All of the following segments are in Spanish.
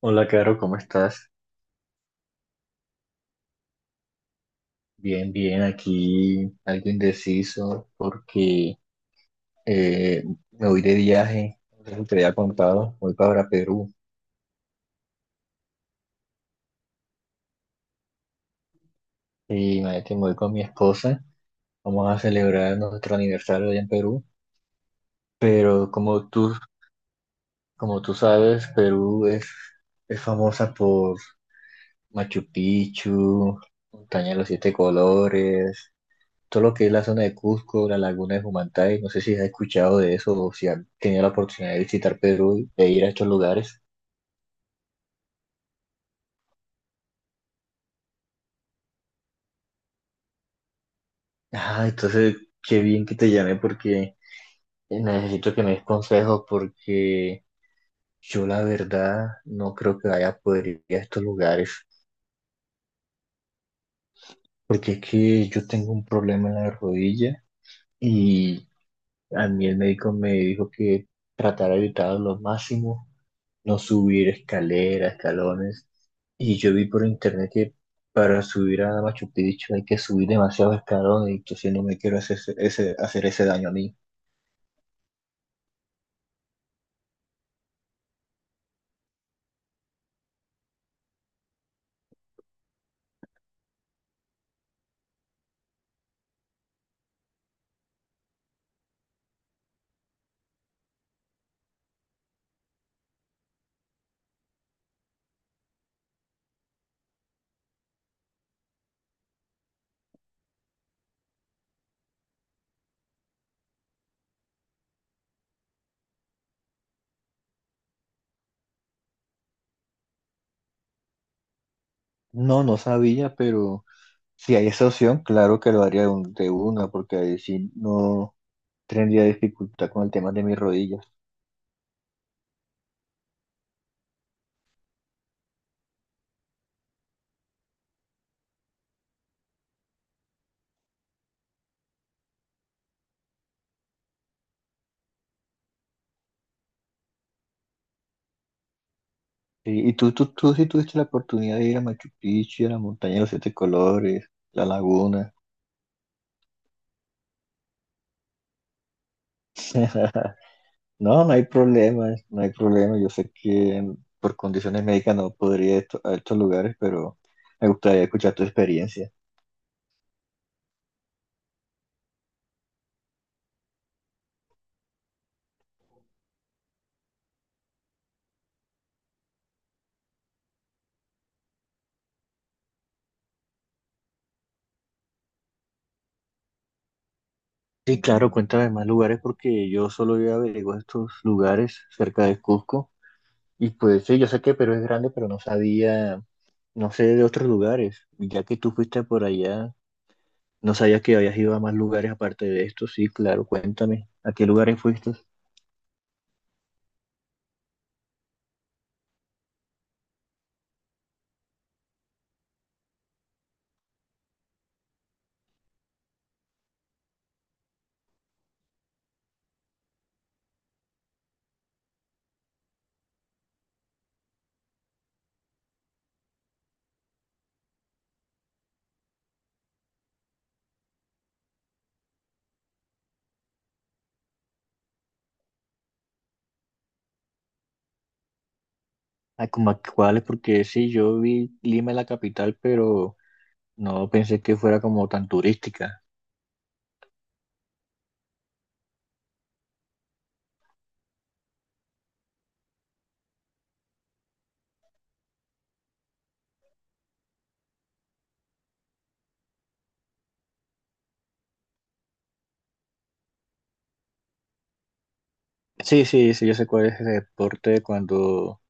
Hola, Caro, ¿cómo estás? Bien, bien, aquí algo indeciso porque eh, me voy de viaje, como te había contado, voy para Perú y imagínate, me voy con mi esposa, vamos a celebrar nuestro aniversario allá en Perú, pero como tú sabes, es famosa por Machu Picchu, Montaña de los Siete Colores, todo lo que es la zona de Cusco, la laguna de Humantay, no sé si has escuchado de eso o si has tenido la oportunidad de visitar Perú e ir a estos lugares. Ah, entonces, qué bien que te llamé porque necesito que me des consejos porque yo la verdad no creo que vaya a poder ir a estos lugares porque es que yo tengo un problema en la rodilla y a mí el médico me dijo que tratara de evitarlo lo máximo, no subir escaleras, escalones. Y yo vi por internet que para subir a Machu Picchu hay que subir demasiados escalones, entonces no me quiero hacer hacer ese daño a mí. No, no sabía, pero si hay esa opción, claro que lo haría de una, porque ahí sí no tendría dificultad con el tema de mis rodillas. Y tú sí tuviste la oportunidad de ir a Machu Picchu, a la montaña de los siete colores, la laguna. No, no hay problema, no hay problema. Yo sé que por condiciones médicas no podría ir a a estos lugares, pero me gustaría escuchar tu experiencia. Sí, claro, cuéntame más lugares porque yo solo había averiguado estos lugares cerca de Cusco. Y pues sí, yo sé que Perú es grande, pero no sabía, no sé de otros lugares. Y ya que tú fuiste por allá, no sabía que habías ido a más lugares aparte de estos. Sí, claro, cuéntame, ¿a qué lugares fuiste? ¿A como a cuáles? Porque sí, yo vi Lima la capital, pero no pensé que fuera como tan turística. Sí, sí, sí, yo sé cuál es ese deporte cuando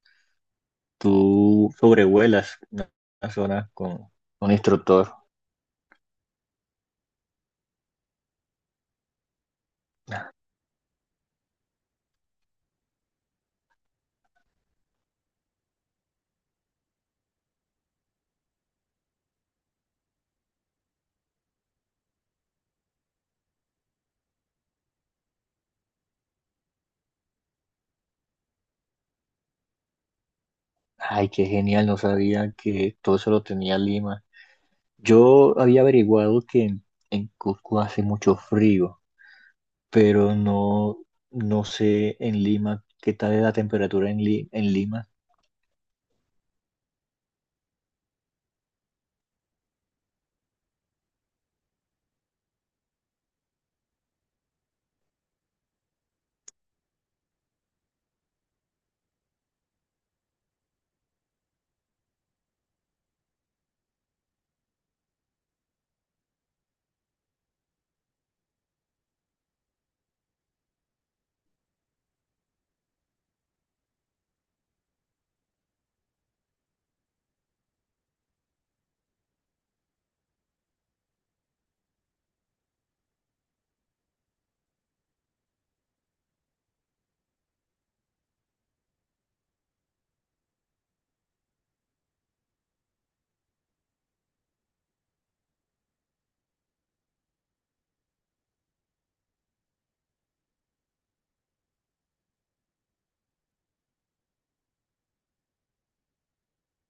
tú sobrevuelas una zona con un instructor. Ay, qué genial, no sabía que todo eso lo tenía Lima. Yo había averiguado que en Cusco hace mucho frío, pero no, no sé en Lima qué tal es la temperatura en Lima.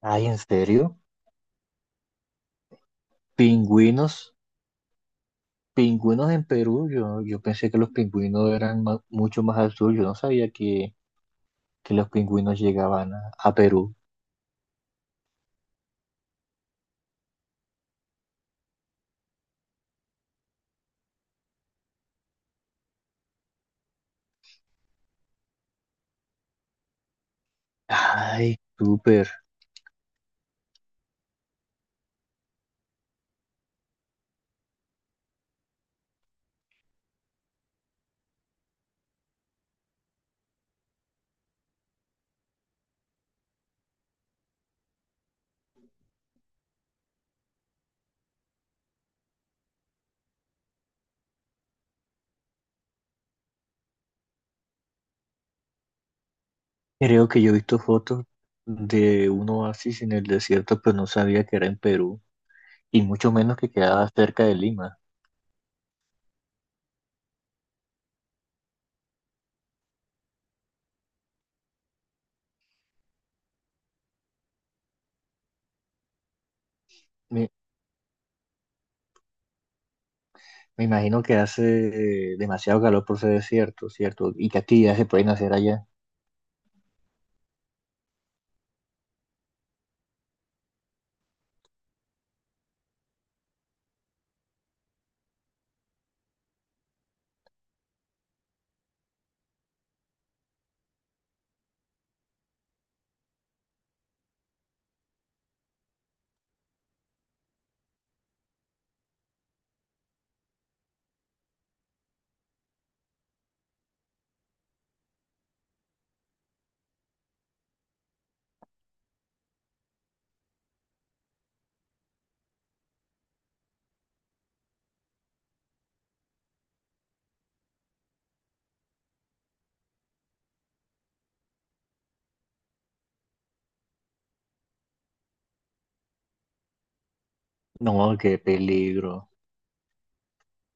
Ay, ¿en serio? Pingüinos. Pingüinos en Perú, yo pensé que los pingüinos eran mucho más al sur, yo no sabía que los pingüinos llegaban a Perú. Ay, súper. Creo que yo he visto fotos de un oasis en el desierto, pero no sabía que era en Perú, y mucho menos que quedaba cerca de Lima. Me, me imagino que hace demasiado calor por ese desierto, ¿cierto? ¿Y que actividades se pueden hacer allá? No, qué peligro.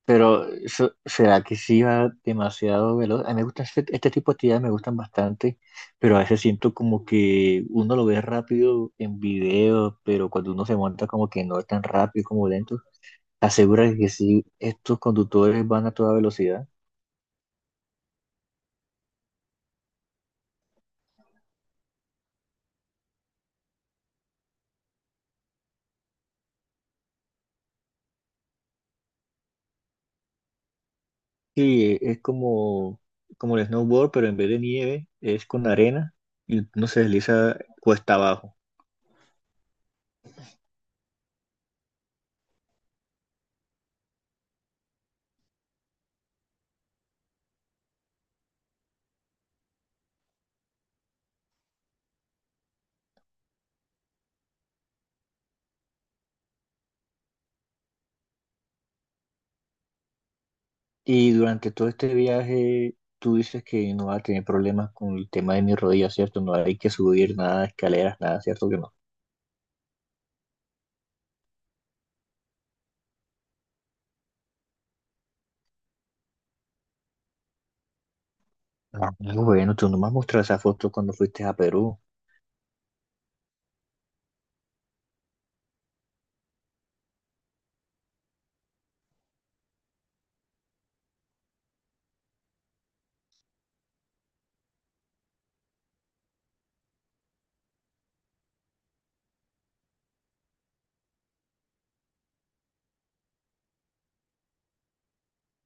Pero, ¿será que sí va demasiado veloz? A mí me gustan este tipo de actividades, me gustan bastante, pero a veces siento como que uno lo ve rápido en videos, pero cuando uno se monta como que no es tan rápido como lento, asegura que sí, estos conductores van a toda velocidad. Sí, es como, como el snowboard, pero en vez de nieve es con arena y uno se desliza cuesta abajo. Y durante todo este viaje, tú dices que no vas a tener problemas con el tema de mi rodilla, ¿cierto? No hay que subir nada, escaleras, nada, ¿cierto que no? Ah, bueno, tú no me has mostrado esa foto cuando fuiste a Perú.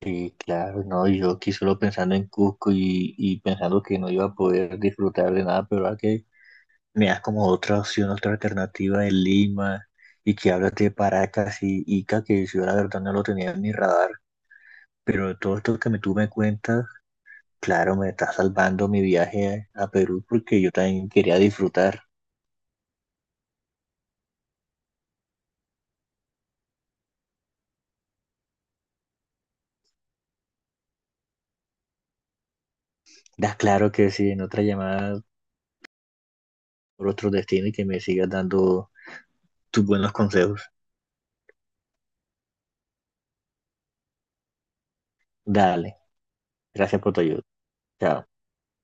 Sí, claro, no, yo aquí solo pensando en Cusco y pensando que no iba a poder disfrutar de nada, pero ahora que me das como otra opción, otra alternativa en Lima y que hablas de Paracas y Ica, que si yo la verdad no lo tenía en mi radar, pero todo esto que tú me cuentas, claro, me está salvando mi viaje a Perú porque yo también quería disfrutar. Da, claro que sí, en otra llamada por otro destino y que me sigas dando tus buenos consejos. Dale, gracias por tu ayuda. Chao.